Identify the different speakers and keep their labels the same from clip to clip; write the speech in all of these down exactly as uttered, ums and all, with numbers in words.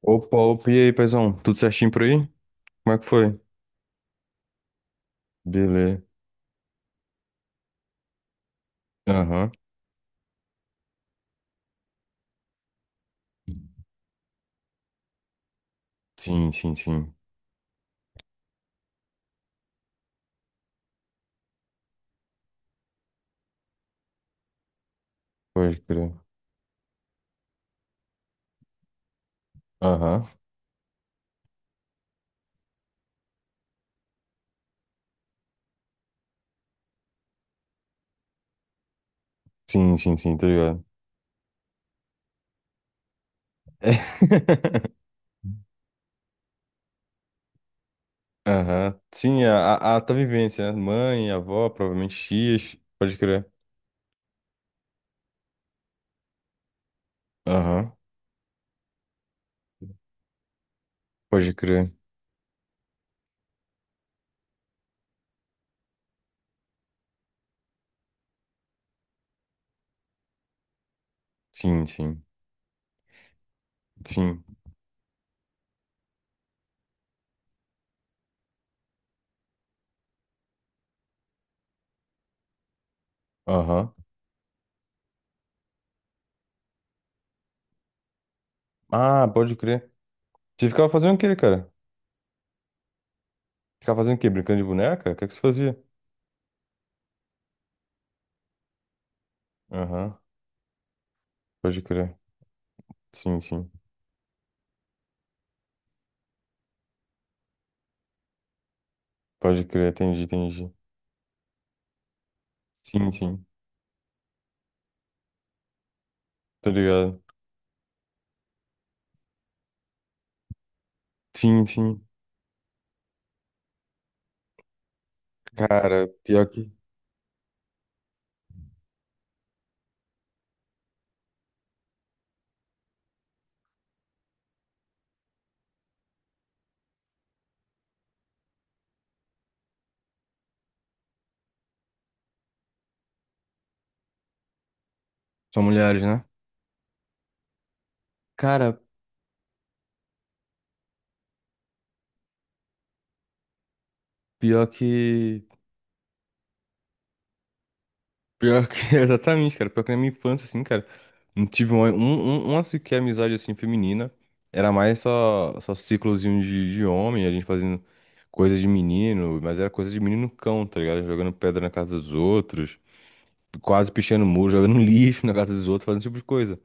Speaker 1: Opa, opa, e aí, paizão? Tudo certinho por aí? Como é que foi? Beleza. Aham. Sim, sim, sim. Pode crer. Aham. Sim, sim, sim, tá ligado? Aham. Sim, a, a, a tua vivência, né? Mãe, avó, provavelmente tias. Pode crer. Aham. Pode crer. Sim, sim. Sim. Aham. Ah, pode crer. Você ficava fazendo o quê, cara? Ficava fazendo o quê? Brincando de boneca? O que é que você fazia? Aham. Pode crer. Sim, sim. Pode crer. Entendi, entendi. Sim, sim. Tá ligado? Sim, sim. Cara, pior que. São mulheres, né? Cara, pior que. Pior que. Exatamente, cara. Pior que na minha infância, assim, cara. Não tive uma, um, um, uma sequer amizade, assim, feminina. Era mais só, só ciclozinho de, de homem, a gente fazendo coisa de menino. Mas era coisa de menino cão, tá ligado? Jogando pedra na casa dos outros. Quase pichando muro, jogando lixo na casa dos outros, fazendo esse tipo de coisa.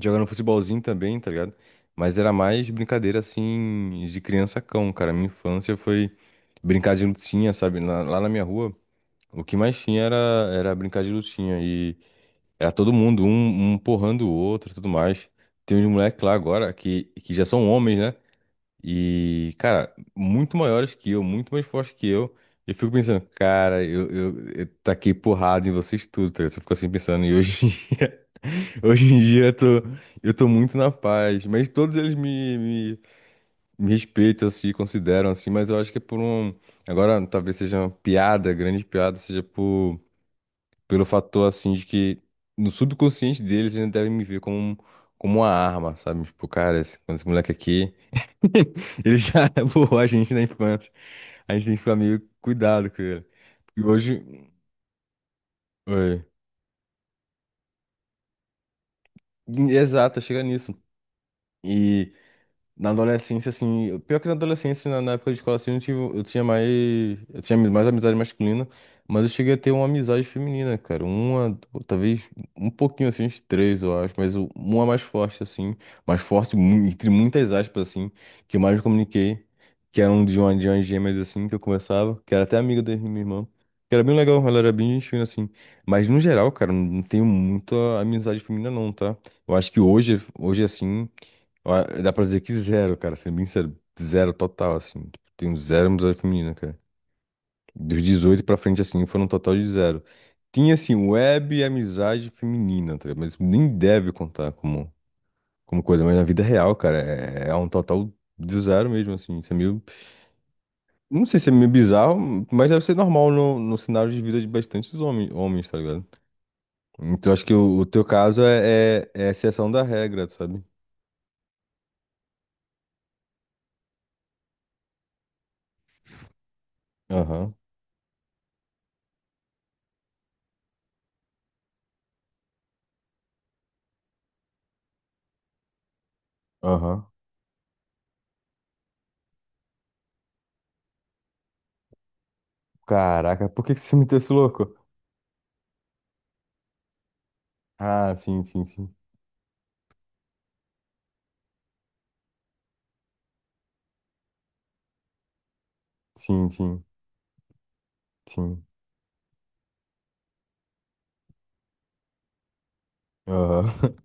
Speaker 1: Jogando futebolzinho também, tá ligado? Mas era mais brincadeira assim de criança cão, cara. Minha infância foi brincar de lutinha, sabe? Lá, lá na minha rua, o que mais tinha era, era brincar de lutinha. E era todo mundo, um, um porrando o outro e tudo mais. Tem uns moleques lá agora que, que já são homens, né? E, cara, muito maiores que eu, muito mais fortes que eu. Eu fico pensando, cara, eu, eu, eu taquei porrada em vocês tudo, tá ligado? Eu fico assim pensando, e hoje. Hoje em dia eu tô, eu tô muito na paz, mas todos eles me, me, me respeitam, se consideram assim, mas eu acho que é por um. Agora, talvez seja uma piada, grande piada, seja por, pelo fator assim de que no subconsciente deles eles devem me ver como, um, como uma arma, sabe? Tipo, cara, esse, quando esse moleque aqui, ele já borrou a gente na infância. A gente tem que ficar meio cuidado com ele. E hoje. Oi. Exato, chega nisso. E. Na adolescência, assim, pior que na adolescência, na, na época de escola, assim, eu tive, eu tinha mais, eu tinha mais amizade masculina, mas eu cheguei a ter uma amizade feminina, cara, uma, du- talvez um pouquinho, assim, uns três, eu acho, mas o- uma mais forte, assim, mais forte, mu- entre muitas aspas, assim, que eu mais me comuniquei, que era um de uma, de umas gêmeas, assim, que eu conversava, que era até amiga da minha irmã, que era bem legal, ela era bem gente fina, assim, mas no geral, cara, não tenho muita amizade feminina, não, tá? Eu acho que hoje, hoje, assim... Ó, dá pra dizer que zero, cara, sendo bem sério. Zero total, assim. Tipo, tenho zero amizade feminina, cara. Dos dezoito pra frente, assim, foram um total de zero. Tinha, assim, web e amizade feminina, tá ligado? Mas nem deve contar como, como coisa. Mas na vida real, cara, é, é um total de zero mesmo, assim. Isso é meio. Não sei se é meio bizarro, mas deve ser normal no, no cenário de vida de bastantes homens, homens, tá ligado? Então acho que o, o teu caso é, é, é a exceção da regra, sabe? Aham, aham. Caraca, por que que você meteu esse louco? Ah, sim, sim, sim. Sim, sim, sim. Aham.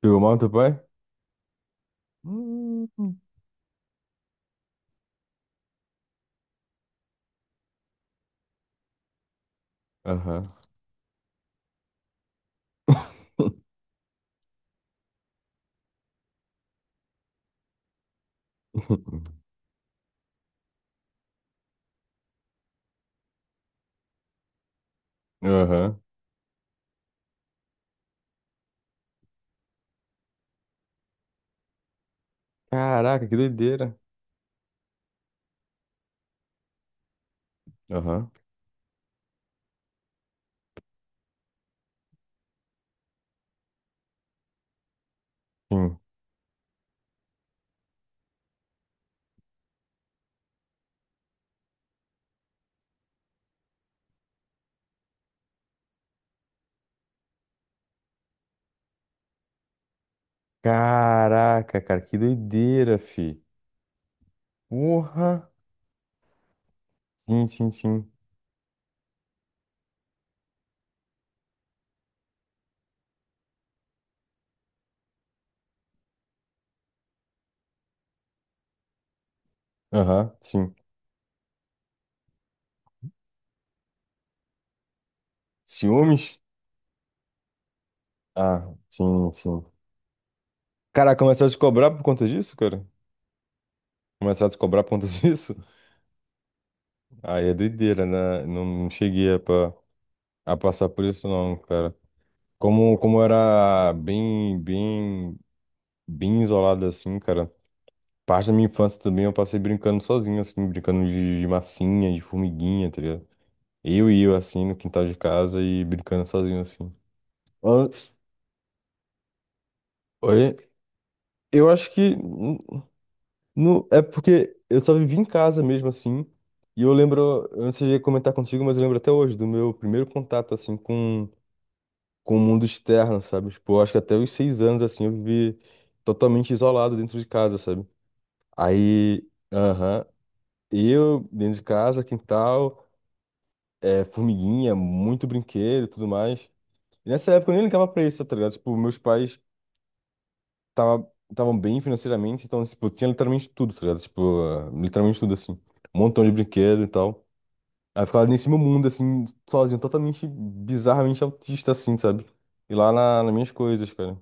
Speaker 1: Pegou mal teu pai? Hum. Aham. Aham. Caraca, que doideira. Aham. Sim. Caraca, cara, que doideira, fi. Porra. Sim, sim, sim. Aham, sim. Ciúmes? Ah, sim, sim. Cara, começaram a te cobrar por conta disso, cara? Começaram a te cobrar por conta disso? Aí é doideira, né? Não, não cheguei a, pa- a passar por isso, não, cara. Como, como eu era bem, bem, bem isolado assim, cara. Parte da minha infância também eu passei brincando sozinho, assim, brincando de, de massinha, de formiguinha, tá ligado? Eu e eu, assim, no quintal de casa e brincando sozinho, assim. An- Olha, eu acho que n- não, é porque eu só vivi em casa mesmo, assim. E eu lembro, eu não sei se ia comentar contigo, mas eu lembro até hoje do meu primeiro contato, assim, com, com o mundo externo, sabe? Tipo, eu acho que até os seis anos, assim, eu vivi totalmente isolado dentro de casa, sabe? Aí, aham, eu dentro de casa, quintal, é, formiguinha, muito brinquedo e tudo mais. E nessa época eu nem ligava pra isso, tá ligado? Tipo, meus pais tava, estavam bem financeiramente, então, tipo, eu tinha literalmente tudo, tá ligado? Tipo, ah, literalmente tudo, assim. Um montão de brinquedo e tal. Aí eu ficava nesse meu mundo, assim, sozinho, totalmente, bizarramente autista, assim, sabe? E lá na, nas minhas coisas, cara.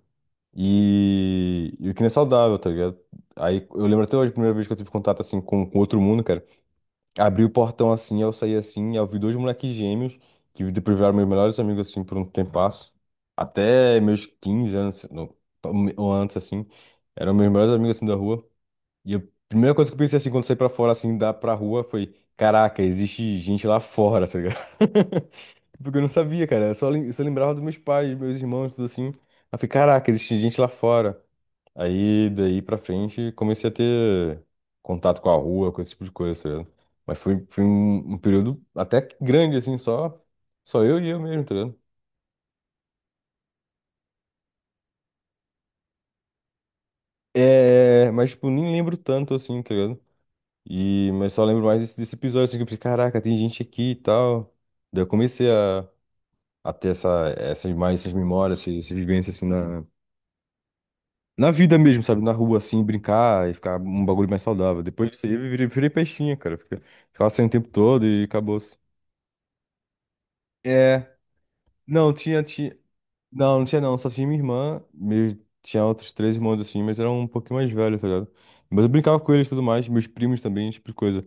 Speaker 1: E, e o que não é saudável, tá ligado? Aí eu lembro até hoje a primeira vez que eu tive contato, assim, com, com outro mundo, cara. Abri o portão assim, eu saí assim, eu vi dois moleques gêmeos, que depois viraram meus melhores amigos assim por um tempasso. Até meus quinze anos, não, ou antes assim, eram meus melhores amigos assim da rua. E a primeira coisa que eu pensei assim, quando saí pra fora assim, da pra rua, foi: caraca, existe gente lá fora, tá ligado? Porque eu não sabia, cara, eu só, lem- eu só lembrava dos meus pais, meus irmãos, tudo assim. Aí eu falei: caraca, existe gente lá fora. Aí, daí pra frente, comecei a ter contato com a rua, com esse tipo de coisa, tá ligado? Mas foi, foi um, um período até que grande, assim, só, só eu e eu mesmo, tá ligado? É, mas, tipo, nem lembro tanto, assim, tá ligado? E, mas só lembro mais desse, desse episódio, assim, que eu pensei, caraca, tem gente aqui e tal. Daí eu comecei a, a ter essa, essas, mais essas memórias, essas, essas vivências, assim, na, na vida mesmo, sabe? Na rua, assim, brincar e ficar um bagulho mais saudável. Depois disso aí, eu virei, virei peixinha, cara. Fica- Ficava sem o tempo todo e acabou. É, não, tinha, tinha, não, não tinha não, só tinha minha irmã, meus, tinha outros três irmãos assim, mas eram um pouquinho mais velhos, tá ligado? Mas eu brincava com eles e tudo mais, meus primos também, esse tipo de coisa.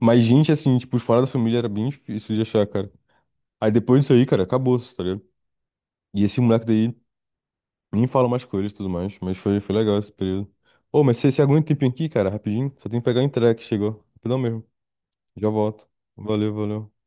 Speaker 1: Mas gente, assim, tipo, fora da família era bem difícil de achar, cara. Aí depois disso aí, cara, acabou, tá ligado? E esse moleque daí, nem falo mais com eles e tudo mais, mas foi, foi legal esse período. Ô, mas você, você aguenta um tempinho aqui, cara, rapidinho? Só tem que pegar a entrega que chegou, rapidão mesmo, já volto. Valeu, valeu.